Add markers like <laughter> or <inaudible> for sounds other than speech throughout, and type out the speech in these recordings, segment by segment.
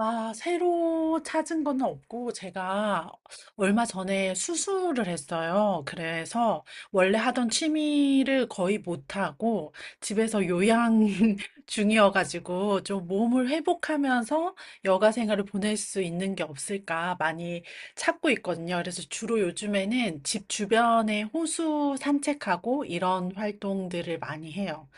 아, 새로 찾은 건 없고, 제가 얼마 전에 수술을 했어요. 그래서 원래 하던 취미를 거의 못하고, 집에서 요양 <laughs> 중이어가지고, 좀 몸을 회복하면서 여가 생활을 보낼 수 있는 게 없을까 많이 찾고 있거든요. 그래서 주로 요즘에는 집 주변에 호수 산책하고 이런 활동들을 많이 해요.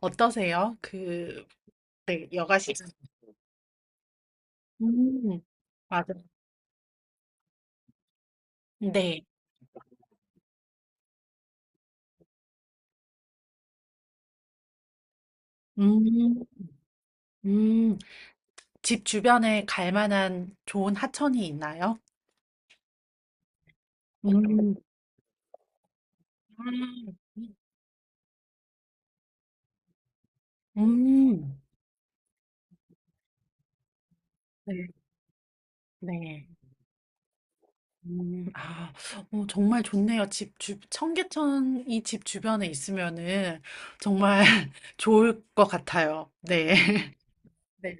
어떠세요? 그, 네, 여가 시즌. 음, 맞아요. 네. 음, 음. 집 주변에 갈 만한 좋은 하천이 있나요? 음, 음, 음. 네, 네. 아, 어, 정말 좋네요. 청계천이 집 주변에 있으면은 정말 <laughs> 좋을 것 같아요. 네. <laughs> 네.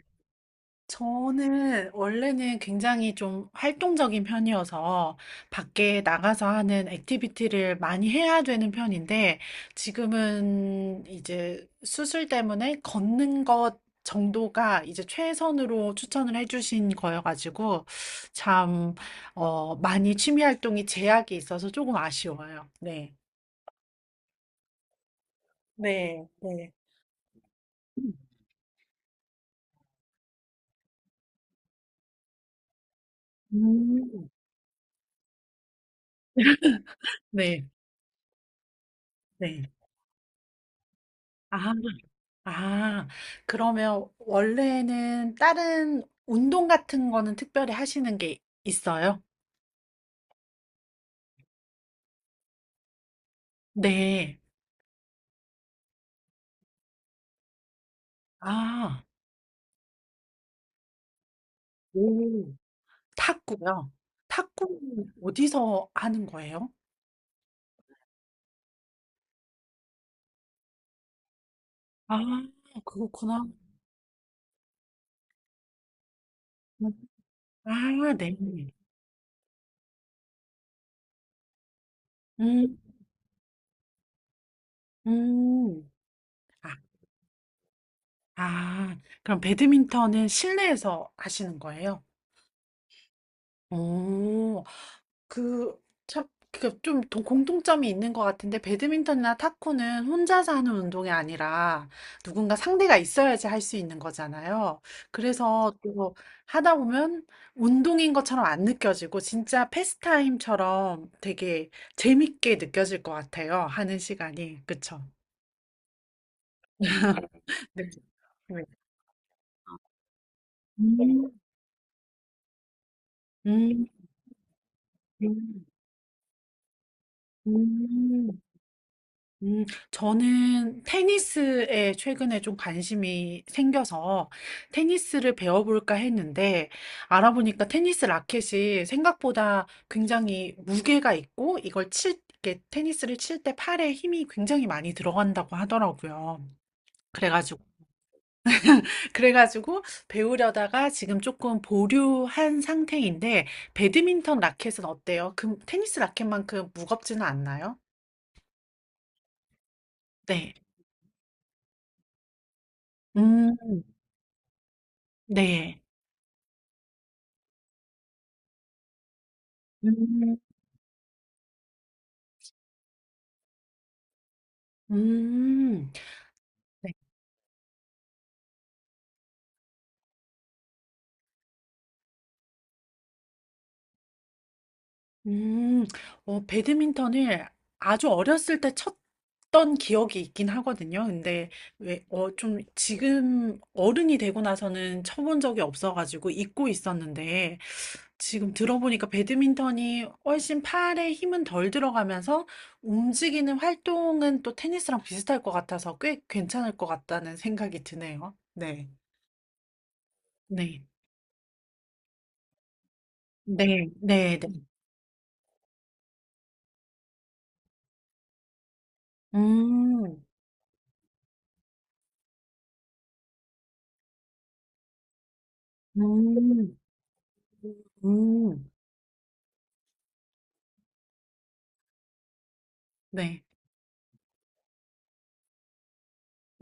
저는 원래는 굉장히 좀 활동적인 편이어서 밖에 나가서 하는 액티비티를 많이 해야 되는 편인데 지금은 이제 수술 때문에 걷는 것 정도가 이제 최선으로 추천을 해주신 거여가지고 참, 어, 많이 취미 활동이 제약이 있어서 조금 아쉬워요. 네. 네, 네. 음. 네, 네. 아, 그러면 원래는 다른 운동 같은 거는 특별히 하시는 게 있어요? 네. 아, 오, 탁구요. 탁구는 어디서 하는 거예요? 아, 그렇구나. 아, 네. 음, 음. 아, 아, 그럼 배드민턴은 실내에서 하시는 거예요? 오, 그, 참, 그, 좀 공통점이 있는 것 같은데, 배드민턴이나 탁구는 혼자서 하는 운동이 아니라 누군가 상대가 있어야지 할 수 있는 거잖아요. 그래서 또 하다 보면 운동인 것처럼 안 느껴지고, 진짜 패스타임처럼 되게 재밌게 느껴질 것 같아요. 하는 시간이. 그쵸? 네. 네. 음, 음, 음, 음. 음, 저는 테니스에 최근에 좀 관심이 생겨서 테니스를 배워볼까 했는데 알아보니까 테니스 라켓이 생각보다 굉장히 무게가 있고 이렇게 테니스를 칠 때 팔에 힘이 굉장히 많이 들어간다고 하더라고요. 그래가지고, <laughs> 그래가지고 배우려다가 지금 조금 보류한 상태인데 배드민턴 라켓은 어때요? 그 테니스 라켓만큼 무겁지는 않나요? 네. 음, 네. 음. 음. 네. 음. 어 배드민턴을 아주 어렸을 때 쳤던 기억이 있긴 하거든요. 근데 왜 어 좀 지금 어른이 되고 나서는 쳐본 적이 없어 가지고 잊고 있었는데 지금 들어보니까 배드민턴이 훨씬 팔에 힘은 덜 들어가면서 움직이는 활동은 또 테니스랑 비슷할 것 같아서 꽤 괜찮을 것 같다는 생각이 드네요. 네. 네. 네. 네. 네. 음. 음. 음. 네.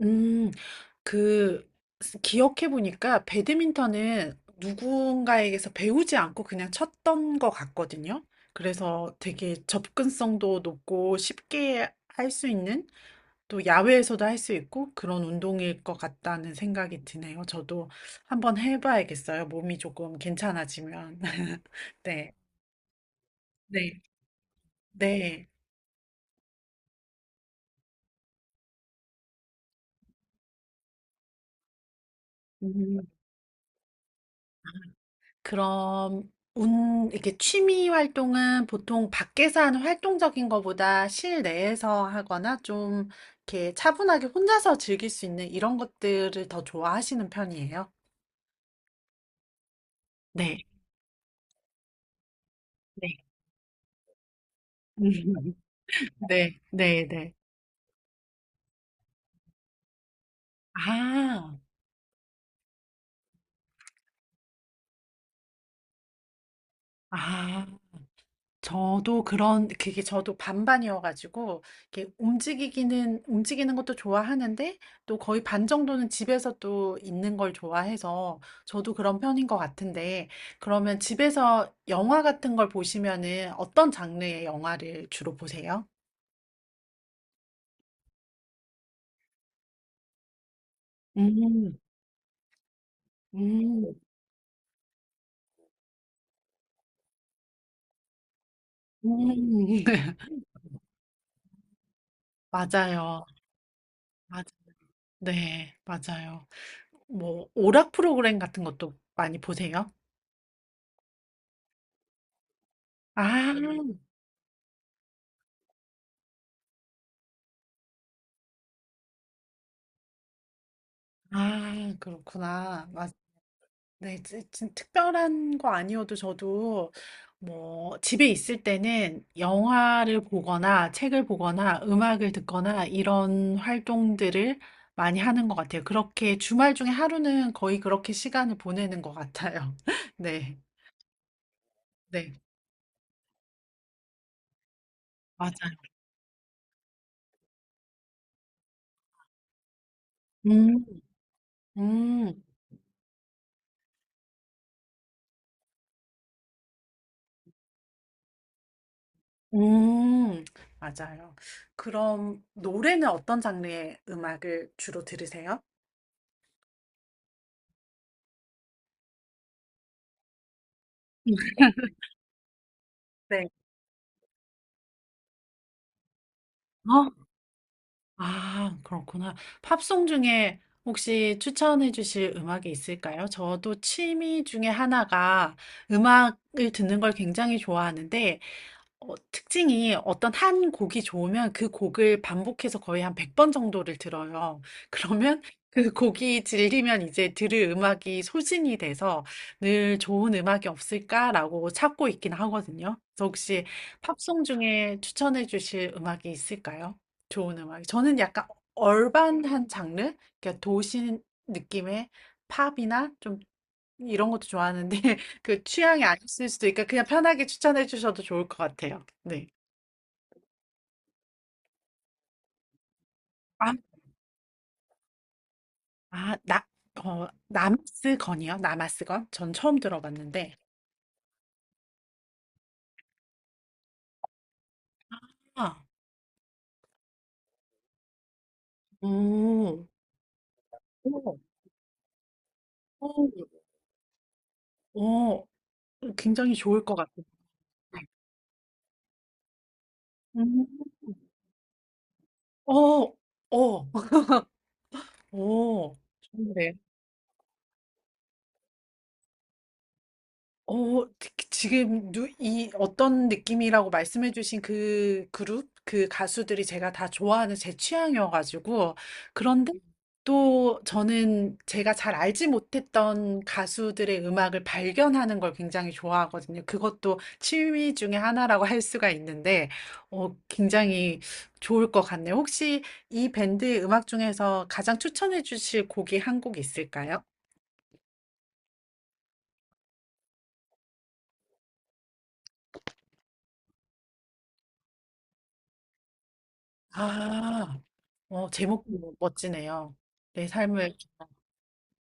음. 그 기억해 보니까 배드민턴은 누군가에게서 배우지 않고 그냥 쳤던 것 같거든요. 그래서 되게 접근성도 높고 쉽게 할 수 있는 또 야외에서도 할 수 있고 그런 운동일 것 같다는 생각이 드네요. 저도 한번 해봐야겠어요. 몸이 조금 괜찮아지면. <laughs> 네. 네. 네. 음. 그럼 운 이렇게 취미 활동은 보통 밖에서 하는 활동적인 것보다 실내에서 하거나 좀 이렇게 차분하게 혼자서 즐길 수 있는 이런 것들을 더 좋아하시는 편이에요? 네, 네. <laughs> 네, 네, 네. 아, 아. 저도 그런 그게 저도 반반이어 가지고 이렇게 움직이기는 움직이는 것도 좋아하는데 또 거의 반 정도는 집에서 또 있는 걸 좋아해서 저도 그런 편인 것 같은데 그러면 집에서 영화 같은 걸 보시면은 어떤 장르의 영화를 주로 보세요? 음, 음, 음. <laughs> 맞아요. 맞아요. 네, 맞아요. 뭐 오락 프로그램 같은 것도 많이 보세요? 아, 아, 그렇구나. 네. 지 진 특별한 거 아니어도 저도 뭐 집에 있을 때는 영화를 보거나 책을 보거나 음악을 듣거나 이런 활동들을 많이 하는 것 같아요. 그렇게 주말 중에 하루는 거의 그렇게 시간을 보내는 것 같아요. <laughs> 네. 네. 맞아요. 음. 음. 음. 맞아요. 그럼 노래는 어떤 장르의 음악을 주로 들으세요? 네. 아 그렇구나. 팝송 중에 혹시 추천해 주실 음악이 있을까요? 저도 취미 중에 하나가 음악을 듣는 걸 굉장히 좋아하는데 어 특징이 어떤 한 곡이 좋으면 그 곡을 반복해서 거의 한 100번 정도를 들어요. <laughs> 그러면 그 곡이 질리면 이제 들을 음악이 소진이 돼서 '늘 좋은 음악이 없을까?'라고 찾고 있긴 하거든요. 그래서 혹시 팝송 중에 추천해 주실 음악이 있을까요? 좋은 음악. 저는 약간 얼반한 장르? 그러니까 도시 느낌의 팝이나 좀 이런 것도 좋아하는데 <laughs> 그 취향이 아니실 수도 있으니까 그냥 편하게 추천해 주셔도 좋을 것 같아요. 네. 아, 아, 나, 어, 남스건이요? 남아스건? 전 처음 들어봤는데. 아, 오, 오, 오, 오, 굉장히 좋을 것 같아요. 음, 어, 어, <laughs> 오, 좋은데요? 어, 지금 이 어떤 느낌이라고 말씀해주신 그 그룹, 그 가수들이 제가 다 좋아하는 제 취향이어가지고 그런데 또 저는 제가 잘 알지 못했던 가수들의 음악을 발견하는 걸 굉장히 좋아하거든요. 그것도 취미 중에 하나라고 할 수가 있는데 어, 굉장히 좋을 것 같네요. 혹시 이 밴드의 음악 중에서 가장 추천해 주실 곡이 한 곡 있을까요? 아, 어, 제목도 뭐 멋지네요. 내 삶을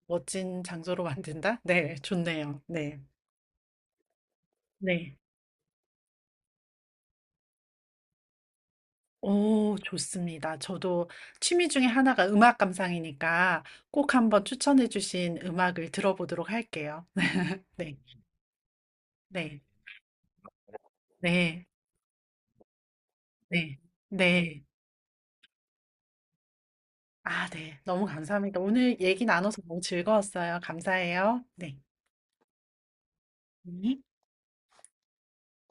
멋진 장소로 만든다? 네, 좋네요. 네. 네. 오, 좋습니다. 저도 취미 중에 하나가 음악 감상이니까 꼭 한번 추천해 주신 음악을 들어보도록 할게요. <laughs> 네, 네, 네, 네, 네. 아, 네. 너무 감사합니다. 오늘 얘기 나눠서 너무 즐거웠어요. 감사해요. 네. 네.